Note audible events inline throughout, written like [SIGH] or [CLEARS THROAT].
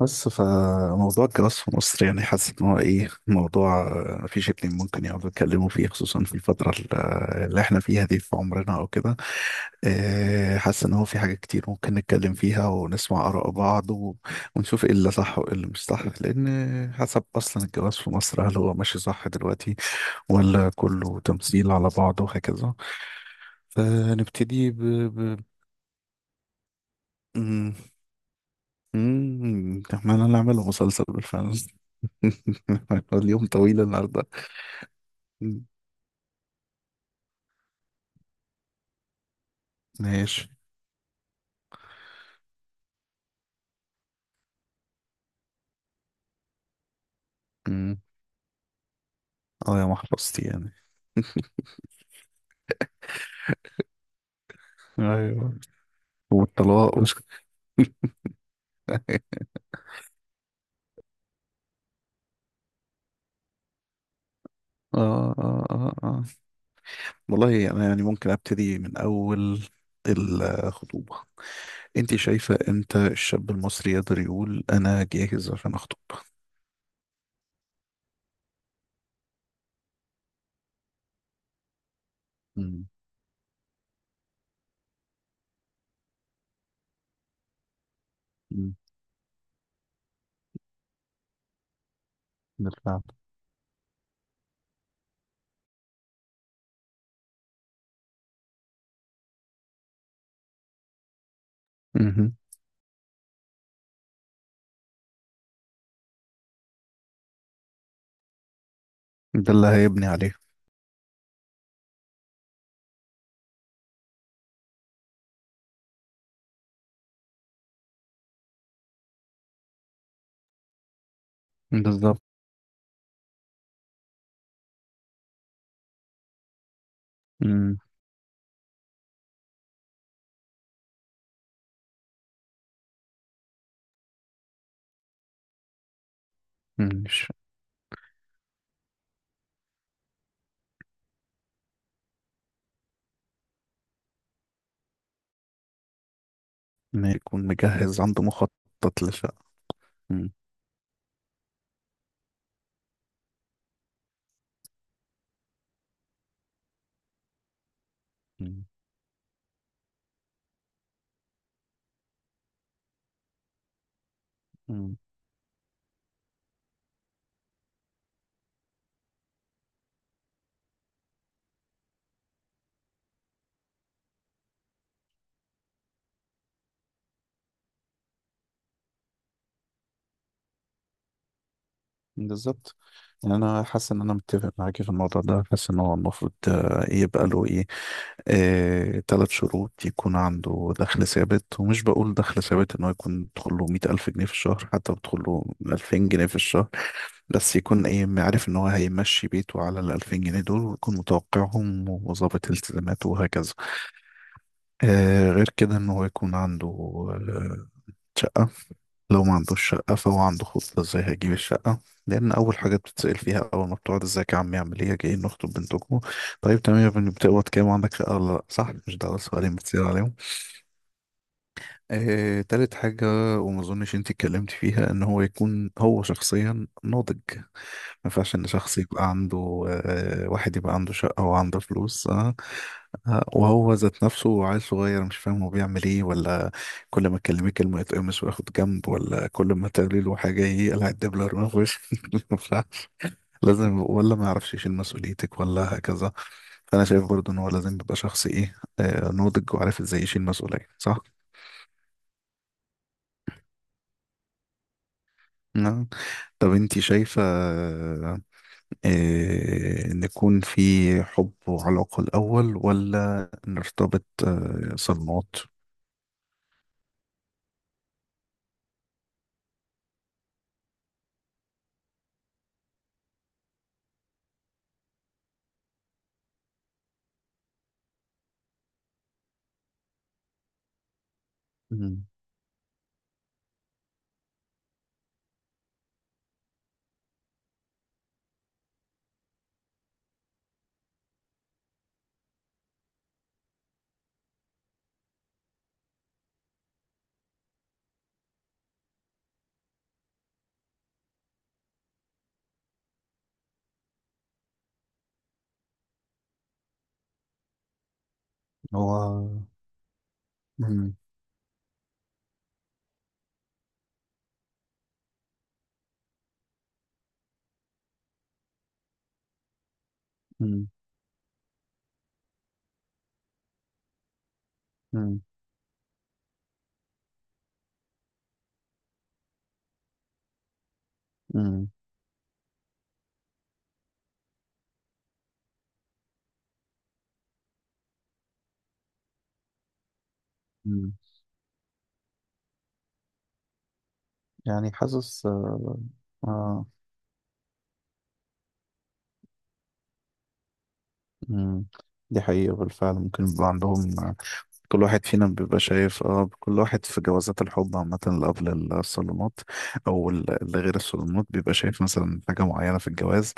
بس فموضوع الجواز في مصر، يعني حاسس ان هو ايه، موضوع آه، مفيش اتنين ممكن يقعدوا يتكلموا فيه، خصوصا في اللي احنا فيها دي في عمرنا او كده. آه، حاسس ان هو في حاجات كتير ممكن نتكلم فيها ونسمع آراء ونشوف ايه اللي صح وايه اللي مش صح، لان حسب اصلا الجواز في مصر هل هو ماشي صح دلوقتي ولا كله تمثيل على بعضه وهكذا. فنبتدي ب... ب... عمال نعمله مسلسل بالفعل. [LAUGHS] اليوم طويل النهارده. مم. ماشي. مم. اه يا محفظتي يعني، ايوه، والطلاق [LAUGHS] اه اه اه اه. والله انا يعني ممكن ابتدي من اول الخطوبه. انت شايفه امتى الشاب المصري يقدر يقول انا جاهز عشان اخطب؟ مم. مم. بالفعل. مهم. ده اللي هيبني عليه. بالظبط. مم. مم. مش ما يكون مجهز عنده مخطط. مم. مم. مم. بالظبط. يعني انا حاسس ان انا متفق معاكي في الموضوع ده، حاسس ان هو المفروض آه، يبقى له ايه، ثلاث شروط. يكون عنده دخل ثابت، ومش بقول دخل ثابت ان هو يكون بيدخل له 100,000 جنيه في الشهر، حتى بيدخل له 2,000 جنيه في الشهر، بس يكون ايه، عارف ان هو هيمشي بيته على ال 2,000 جنيه دول، ويكون متوقعهم وظابط التزاماته وهكذا. آه، غير كده ان هو يكون عنده آه، شقة. لو ما عندوش شقة فهو عنده خطة ازاي هيجيب الشقة. لأن أول حاجة بتتسأل فيها أول ما بتقعد: ازيك يا عم، يعمل ايه، جايين نخطب بنتكم، طيب تمام يا ابني، بتقبض كام، وعندك شقة ولا لأ؟ صح؟ مش ده أول سؤالين بتسأل عليهم؟ آه، تالت حاجة وما اظنش انت اتكلمت فيها، ان هو يكون هو شخصيا ناضج. ما ينفعش ان شخص يبقى عنده آه، واحد يبقى عنده شقة وعنده فلوس آه، آه، وهو ذات نفسه عيل صغير، مش فاهم هو بيعمل ايه، ولا كل ما تكلميه كلمة يتقمص وياخد جنب، ولا كل ما تقولي له حاجة يقلع الدبلة من وشه. [LAUGHS] لازم، ولا ما يعرفش يشيل مسؤوليتك ولا هكذا. فانا شايف برضو ان هو لازم يبقى شخص ايه آه، ناضج وعارف ازاي يشيل مسؤولية، صح؟ نعم. طب انتي شايفة آه، نكون في حب وعلاقة الأول، ولا نرتبط آه، صدمات؟ مم. هو مم. مم. مم. مم. مم. يعني حاسس آه، آه. مم. دي حقيقة بالفعل، ممكن يبقى عندهم. كل واحد فينا بيبقى شايف، اه، كل واحد في جوازات الحب عامة اللي قبل الصالونات اللي غير الصالونات، بيبقى شايف مثلا حاجة معينة في الجواز،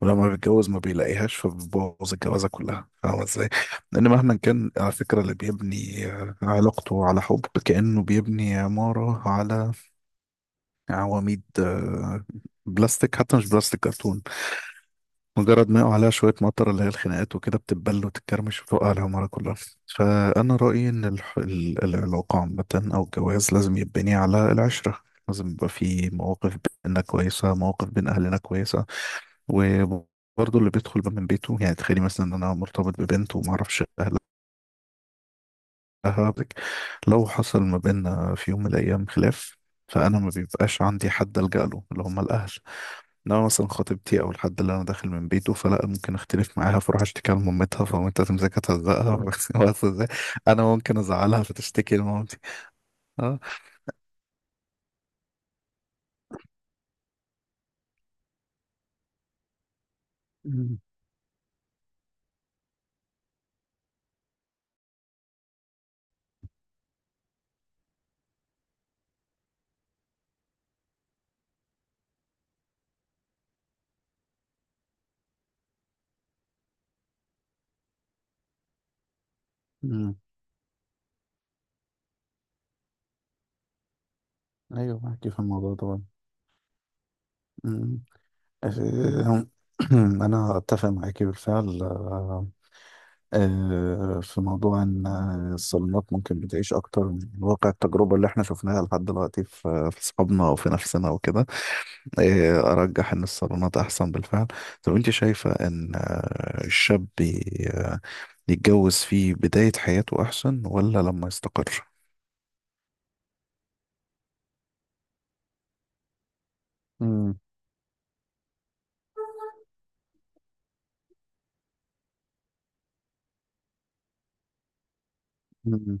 ولما بيتجوز ما بيلاقيهاش، فبيبوظ الجوازة كلها، فاهم ازاي؟ لأن مهما كان، على فكرة، اللي بيبني آه، علاقته على حب، كأنه بيبني عمارة على عواميد آه، بلاستيك. حتى مش بلاستيك، كرتون. مجرد ما يقع عليها شوية مطر، اللي هي الخناقات وكده، بتتبل وتتكرمش وتقع عليها مرة كلها. فأنا رأيي إن العلاقة عامة أو الجواز لازم يتبني على العشرة. لازم يبقى في مواقف بينا كويسة، مواقف بين أهلنا كويسة. وبرضه اللي بيدخل بقى من بيته، يعني تخيلي مثلا إن أنا مرتبط ببنت ومعرفش أهلها، لو حصل ما بيننا في يوم من الأيام خلاف، فأنا ما بيبقاش عندي حد ألجأ له اللي هم الأهل. إن انا مثلا خطيبتي او الحد اللي انا داخل من بيته، فلا ممكن اختلف معاها فاروح اشتكي لمامتها، فمامتها تمسكها تهزقها. [LAUGHS] بس ازاي، انا ممكن ازعلها فتشتكي لمامتي. اه. مم. مم. ايوه، معاكي في الموضوع طبعا. مم. آه، [CLEARS THROAT] انا اتفق معاكي بالفعل آه، آه، في موضوع ان آه، الصالونات ممكن بتعيش اكتر من واقع التجربه اللي احنا شفناها لحد دلوقتي في في اصحابنا وفي نفسنا وكده. آه، ارجح ان الصالونات احسن بالفعل. طب انت شايفه ان الشاب ي- يتجوز في بداية حياته أحسن ولا لما يستقر؟ مم. مم.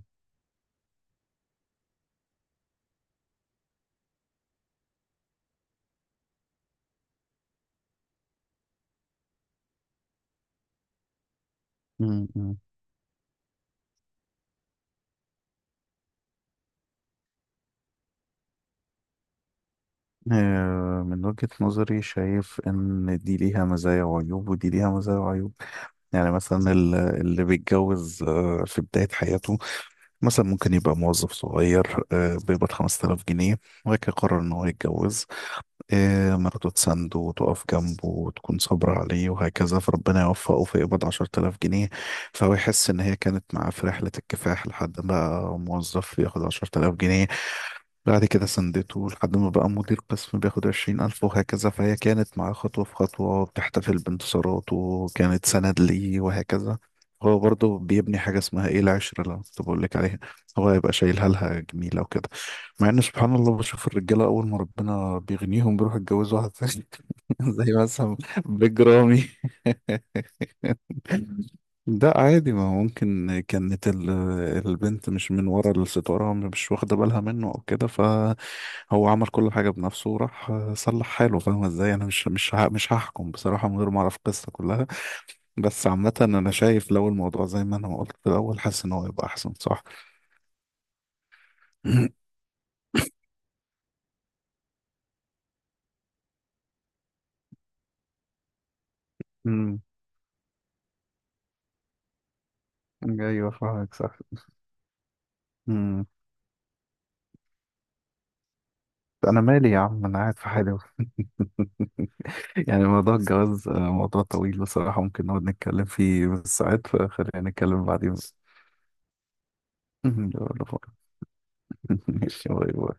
مم. مم. آه، من وجهة نظري شايف إن دي ليها مزايا وعيوب، ودي ليها مزايا وعيوب. يعني مثلا اللي بيتجوز آه، في بداية حياته، مثلا ممكن يبقى موظف صغير آه، بيقبض 5,000 جنيه، وبعد كده قرر إن هو يتجوز. إيه، مراته تسنده وتقف جنبه وتكون صابرة عليه وهكذا، فربنا يوفقه فيقبض 10,000 جنيه. فهو يحس إن هي كانت معاه في رحلة الكفاح لحد ما موظف ياخد 10,000 جنيه، بعد كده سندته لحد ما بقى مدير قسم بياخد 20,000 وهكذا. فهي كانت معاه خطوة في خطوة، بتحتفل بانتصاراته، كانت سند ليه وهكذا. هو برضه بيبني حاجة اسمها ايه، العشرة، اللي أنا كنت بقول لك عليها. هو هيبقى شايلها لها جميلة وكده. مع إن سبحان الله، بشوف الرجالة أول ما ربنا بيغنيهم بيروحوا يتجوزوا واحد ثاني. [LAUGHS] زي مثلا بجرامي. ده عادي. ما هو ممكن كانت البنت مش من ورا الستارة، مش واخدة بالها منه أو كده، فهو عمل كل حاجة بنفسه وراح صلح حاله. فاهمة ازاي؟ أنا مش هحكم بصراحة من غير ما أعرف القصة كلها. بس عامة أنا شايف لو الموضوع زي ما أنا قلت في الأول، حاسس إن هو يبقى أحسن، صح؟ [CLEARS THROAT] أمم، أيوه فاهمك، صح. أمم، أنا مالي يا عم، أنا قاعد في حالي. [LAUGHS] يعني موضوع الجواز آه، موضوع طويل بصراحة، ممكن نقعد نتكلم فيه بالساعات، فخلينا نتكلم بعدين. [LAUGHS] ماشي، باي باي.